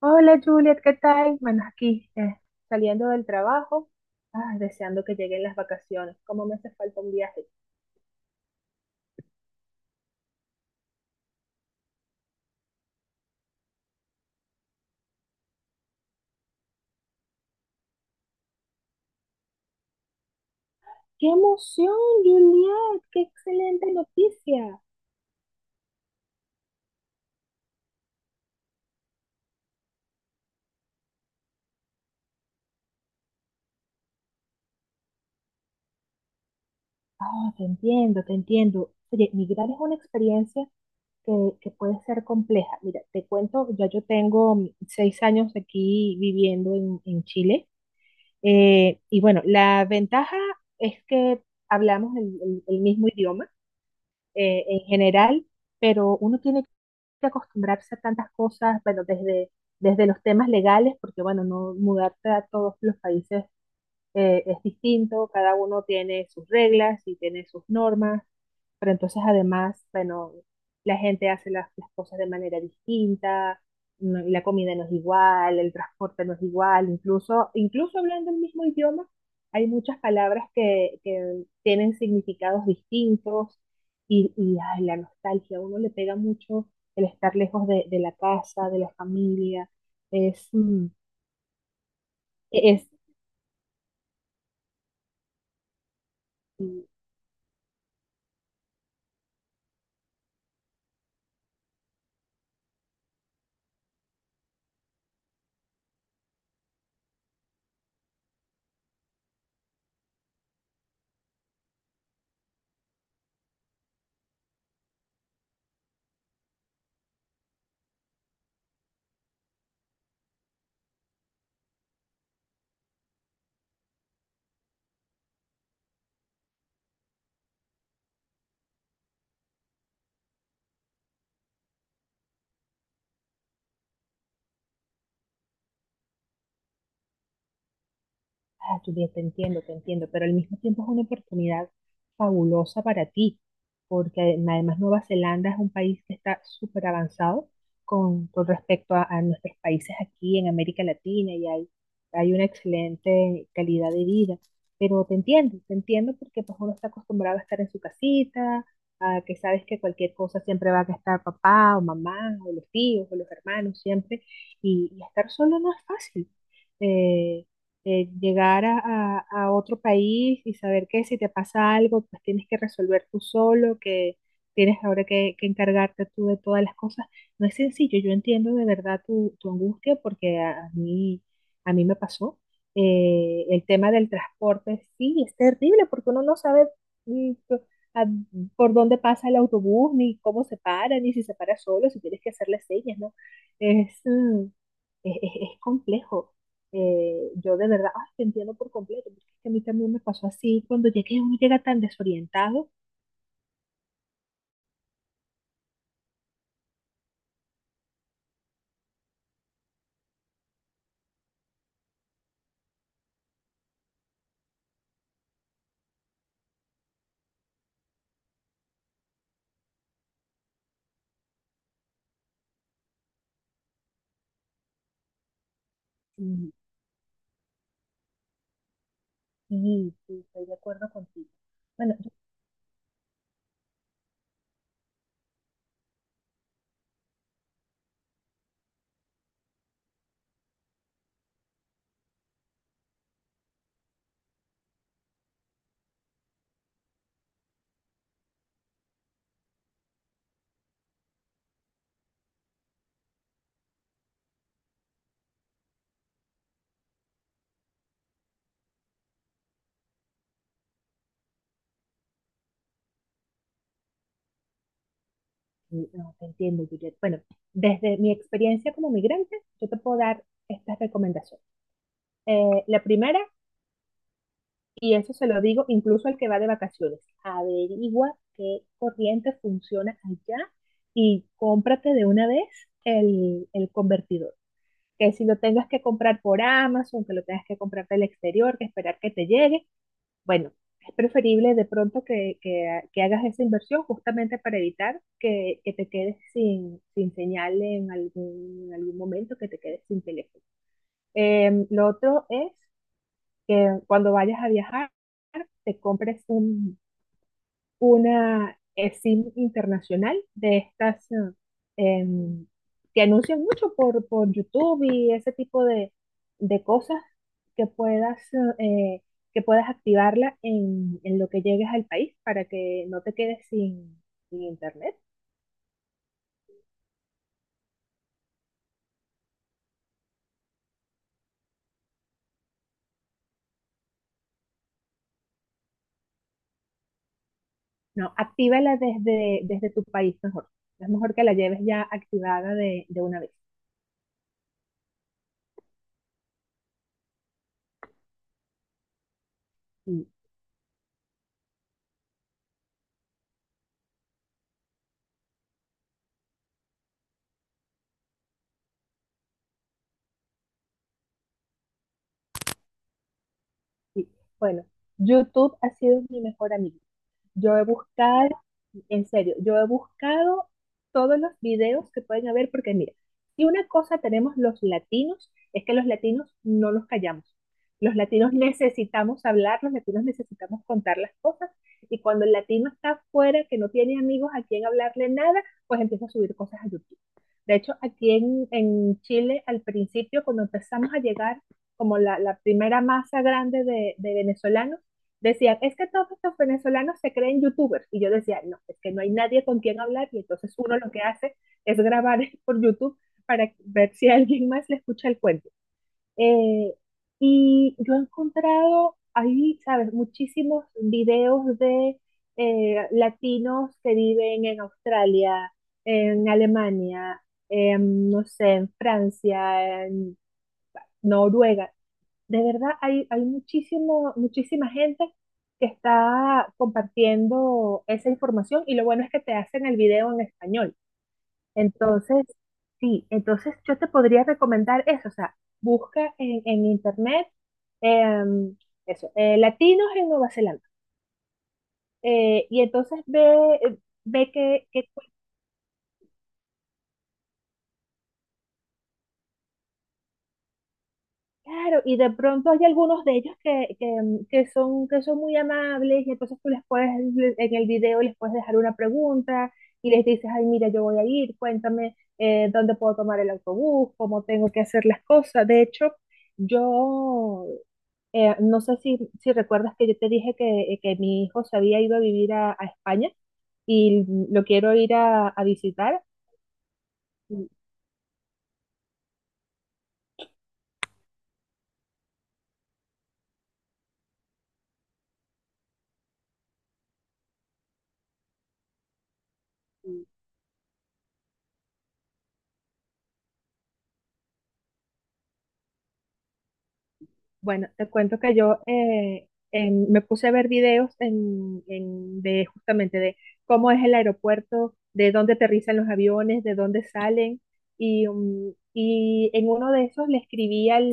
Hola Juliet, ¿qué tal? Bueno, aquí saliendo del trabajo, deseando que lleguen las vacaciones. ¿Cómo me hace falta un viaje? ¡Qué emoción, Juliet! ¡Qué excelente noticia! Ah, te entiendo, te entiendo. Oye, migrar es una experiencia que, que puede ser compleja. Mira, te cuento, ya yo tengo 6 años aquí viviendo en Chile. Y bueno, la ventaja es que hablamos el mismo idioma. En general, pero uno tiene que acostumbrarse a tantas cosas, bueno, desde los temas legales, porque bueno, no mudarte a todos los países es distinto, cada uno tiene sus reglas y tiene sus normas, pero entonces además, bueno, la gente hace las cosas de manera distinta, la comida no es igual, el transporte no es igual, incluso hablando el mismo idioma, hay muchas palabras que tienen significados distintos ay, la nostalgia, a uno le pega mucho el estar lejos de la casa, de la familia, es, mm, e-, es mm, Ah, tú bien te entiendo, pero al mismo tiempo es una oportunidad fabulosa para ti, porque además Nueva Zelanda es un país que está súper avanzado con respecto a nuestros países aquí en América Latina y hay una excelente calidad de vida. Pero te entiendo porque pues uno está acostumbrado a estar en su casita, a que sabes que cualquier cosa siempre va a estar papá o mamá o los tíos o los hermanos siempre, y estar solo no es fácil. Eh, Llegar a otro país y saber que si te pasa algo, pues tienes que resolver tú solo, que tienes ahora que encargarte tú de todas las cosas. No es sencillo, yo entiendo de verdad tu angustia porque a mí me pasó. El tema del transporte, sí, es terrible porque uno no sabe mm, p- a- por dónde pasa el autobús, ni cómo se para, ni si se para solo, si tienes que hacerle señas, ¿no? Es, mm, es- Es complejo. Yo de verdad, ay, te entiendo por completo, porque es que a mí también me pasó así, cuando llegué uno llega tan desorientado, y sí, sí, estoy de acuerdo contigo. Bueno, yo- sí, no, te entiendo, Juliet. Bueno, desde mi experiencia como migrante, yo te puedo dar estas recomendaciones. La primera, y eso se lo digo incluso al que va de vacaciones, averigua qué corriente funciona allá y cómprate de una vez el convertidor, que si lo tengas que comprar por Amazon, que lo tengas que comprar del exterior, que esperar que te llegue, bueno, es preferible de pronto que, que hagas esa inversión justamente para evitar que te quedes sin, sin señal en algún momento, que te quedes sin teléfono. Lo otro es que cuando vayas a viajar, te compres una SIM internacional de estas em, que anuncian mucho por YouTube y ese tipo de cosas que puedas, eh, que puedas activarla en lo que llegues al país para que no te quedes sin, sin internet. No, actívala desde tu país mejor. Es mejor que la lleves ya activada de una vez. Y, y, bueno, YouTube ha sido mi mejor amigo. Yo he buscado, en serio, yo he buscado todos los videos que pueden haber, porque mira, si una cosa tenemos los latinos, es que los latinos no nos callamos. Los latinos necesitamos hablar, los latinos necesitamos contar las cosas, y cuando el latino está afuera, que no tiene amigos a quien hablarle nada, pues empieza a subir cosas a YouTube. De hecho, aquí en Chile, al principio, cuando empezamos a llegar como la primera masa grande de venezolanos, decían, es que todos estos venezolanos se creen youtubers. Y yo decía, no, es que no hay nadie con quien hablar y entonces uno lo que hace es grabar por YouTube para ver si alguien más le escucha el cuento. Eh, y yo he encontrado ahí, sabes, muchísimos videos de latinos que viven en Australia, en Alemania, en, no sé, en Francia, en Noruega, de verdad, hay muchísimo, muchísima gente que está compartiendo esa información y lo bueno es que te hacen el video en español. Entonces, sí, entonces yo te podría recomendar eso, o sea, busca en internet em, eso, latinos en Nueva Zelanda y entonces ve qué, qué... Claro, y de pronto hay algunos de ellos que son muy amables y entonces tú les puedes, en el video les puedes dejar una pregunta y les dices, ay, mira, yo voy a ir, cuéntame dónde puedo tomar el autobús, cómo tengo que hacer las cosas. De hecho, yo no sé si, si recuerdas que yo te dije que mi hijo se había ido a vivir a España y lo quiero ir a visitar. Bueno, te cuento que yo me puse a ver videos de justamente de cómo es el aeropuerto, de dónde aterrizan los aviones, de dónde salen. Y y en uno de esos le escribí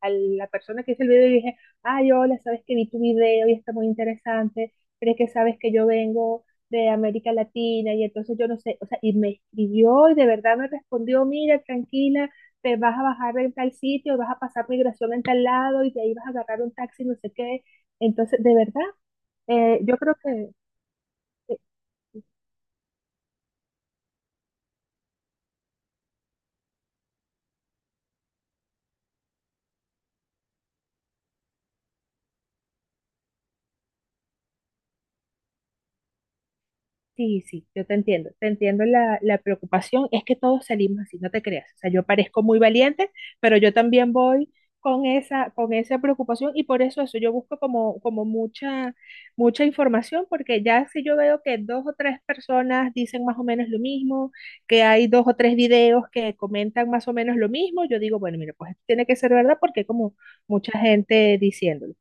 a la persona que hizo el video y dije, ay, hola, sabes que vi tu video y está muy interesante, pero es que sabes que yo vengo de América Latina y entonces yo no sé, o sea, y me escribió y de verdad me respondió, mira, tranquila, te vas a bajar en tal sitio, y vas a pasar migración en tal lado y de ahí vas a agarrar un taxi, no sé qué. Entonces, de verdad, yo creo que, que- Sí, sí, yo te entiendo la preocupación, es que todos salimos así, no te creas, o sea, yo parezco muy valiente, pero yo también voy con esa preocupación y por eso yo busco como, como mucha, mucha información, porque ya si yo veo que dos o tres personas dicen más o menos lo mismo, que hay dos o tres videos que comentan más o menos lo mismo, yo digo, bueno, mira, pues esto tiene que ser verdad porque hay como mucha gente diciéndolo.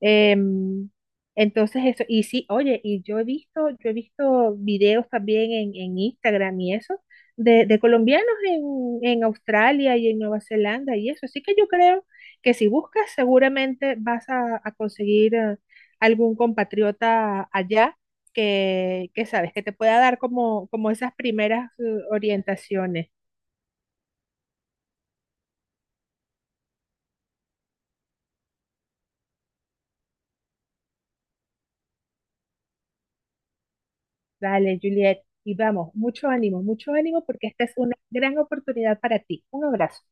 Em, entonces eso, y sí, oye, y yo he visto videos también en Instagram y eso, de colombianos en Australia y en Nueva Zelanda y eso. Así que yo creo que si buscas, seguramente vas a conseguir algún compatriota allá que sabes, que te pueda dar como, como esas primeras orientaciones. Dale, Juliet, y vamos, mucho ánimo porque esta es una gran oportunidad para ti. Un abrazo.